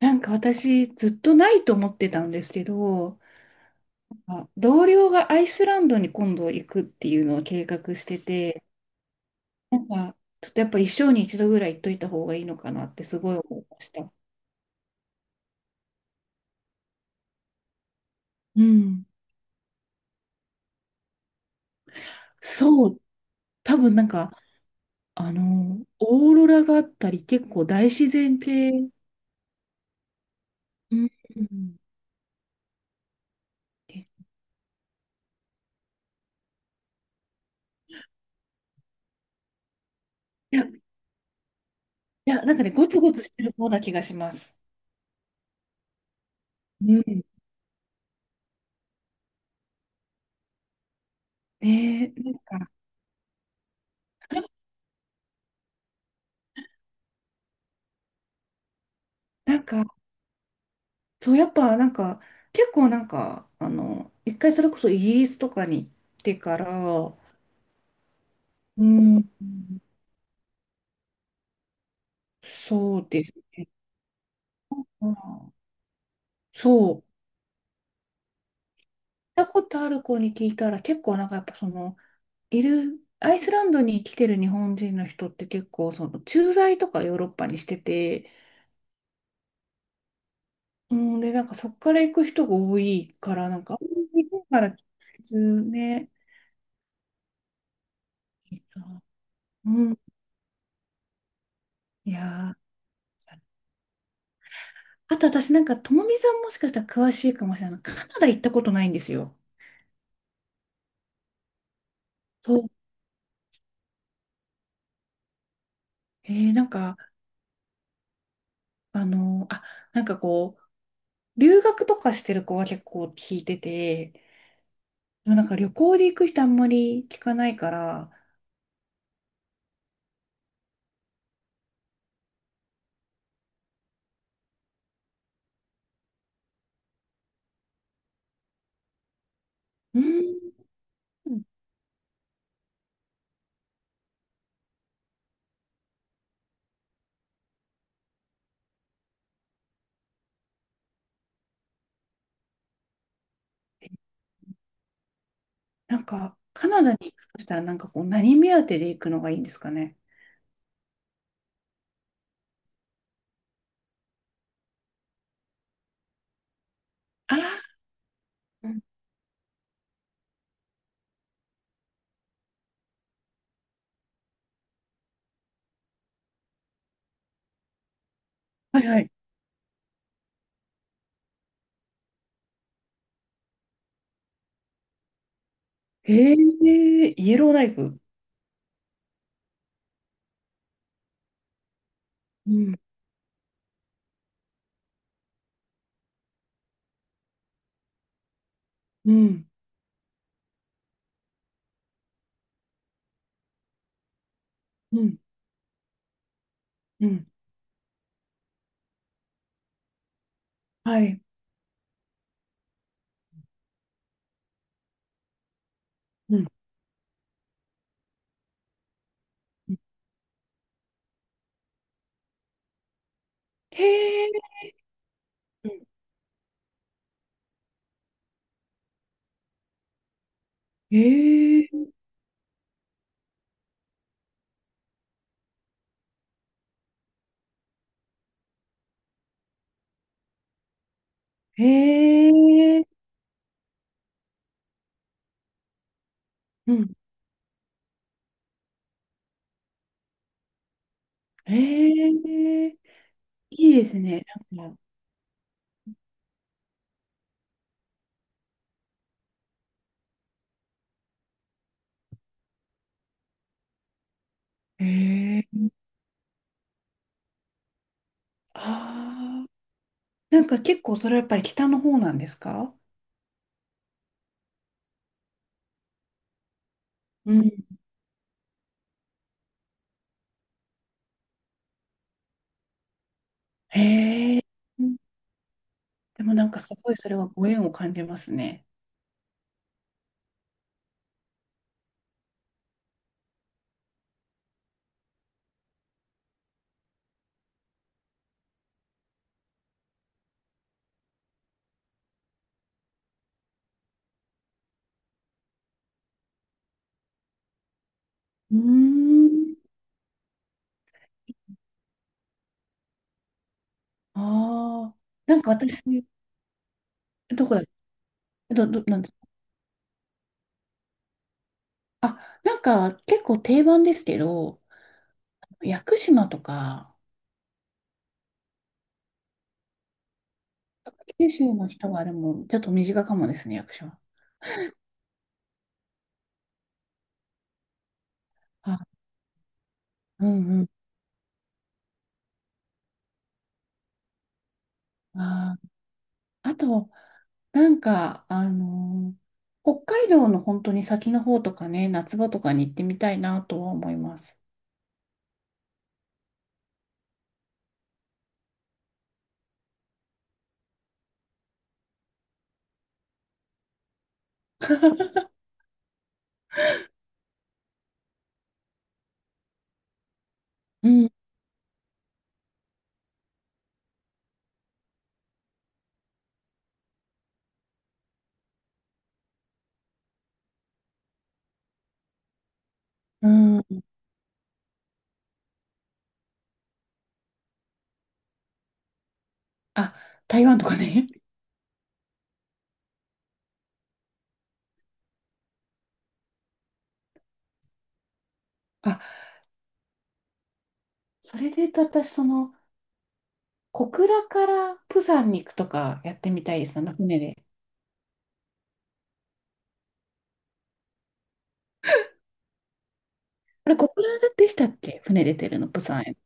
なんか私ずっとないと思ってたんですけど、あ、同僚がアイスランドに今度行くっていうのを計画してて、なんかちょっとやっぱ一生に一度ぐらい行っといた方がいいのかなってすごい思いました。うん。そう、多分なんか、オーロラがあったり結構大自然系。うん。いや、いや、なんかね、ゴツゴツしてる方な気がします。うん。ねえ、なんか、そう、やっぱなんか、結構なんか、一回それこそイギリスとかに行ってから。うん。そうですね。うん、そう。行ったことある子に聞いたら結構なんかやっぱその、いる、アイスランドに来てる日本人の人って結構その駐在とかヨーロッパにしてて、うんでなんかそっから行く人が多いからなんか、日本から直接ね。うん、いやー、あと私なんか、ともみさんもしかしたら詳しいかもしれない。カナダ行ったことないんですよ。そう。えー、なんか、あのーあ、なんかこう、留学とかしてる子は結構聞いてて、でもなんか旅行で行く人あんまり聞かないから。うーん、なんか、カナダに行くとしたらなんかこう、何目当てで行くのがいいんですかね。あー、うん、はいはい。えー、イエローナイフ。うん、うん、うん、うん。はい。うん。うん、へえ。うん、へえ。へえ、うん、へえ、いいですね。なんか、へえ、ああ、なんか結構それはやっぱり北の方なんですか？うん。へえ、うん、でもなんかすごいそれはご縁を感じますね。うーん。ああ、なんか私、どこだ、なんですか？あ、なんか結構定番ですけど、屋久島とか。九州の人はでもちょっと身近かもですね、屋久島。あ、うんうん。あー、あと、なんか、あのー、北海道の本当に先の方とかね、夏場とかに行ってみたいなとは思います。うん、うん。あ、台湾とかね。あ、それで言うと私、その、小倉から釜山に行くとかやってみたいですね、船で。あれ、小倉でしたっけ、船出てるの、釜山へ。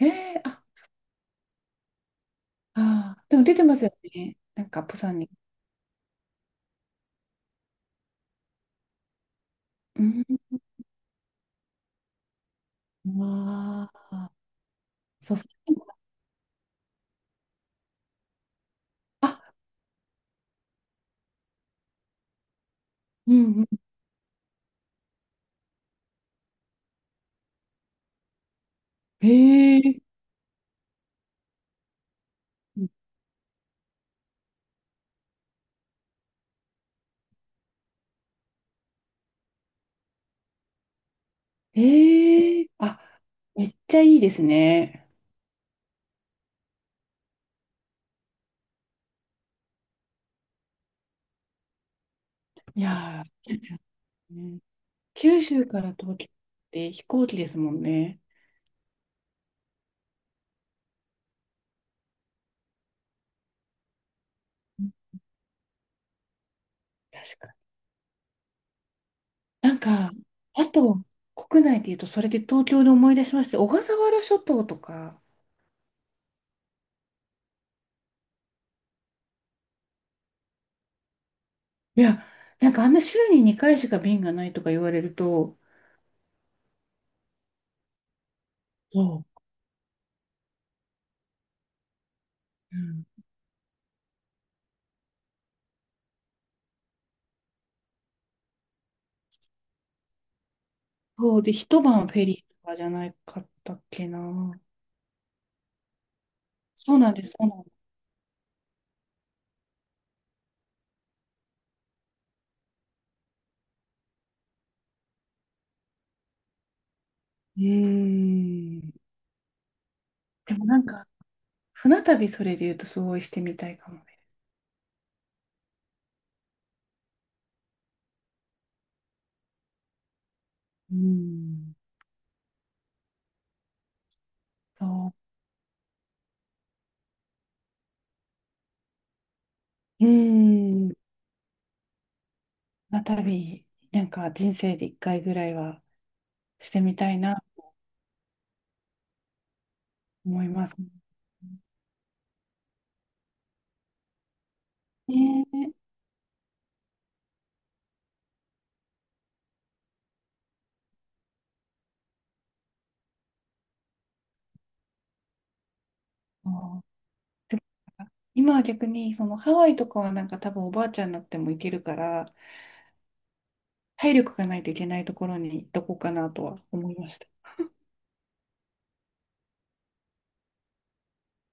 へえ、あ、あー、でも出てますよね。なんか、釜山に。うん、わあ、そうそう。あ、うん、うん。へえ。ええ、あ、めっちゃいいですね。いやー、そうですよね。九州から東京って飛行機ですもんね。うん、確かに。なんか、あと、国内で言うと、それで東京で思い出しまして、小笠原諸島とか。いや、なんかあんな週に2回しか便がないとか言われると。そう。うん、そうで、一晩フェリーとかじゃないかったっけな。そうなんです、そうなんです。うーん。でもなんか、船旅それで言うとすごいしてみたいかもね。うん。そう。うん。船旅、なんか人生で一回ぐらいはしてみたいな思います。ねえ。そう、今は逆に、そのハワイとかはなんか多分おばあちゃんになっても行けるから、体力がないといけないところに行っとこうかなとは思いました。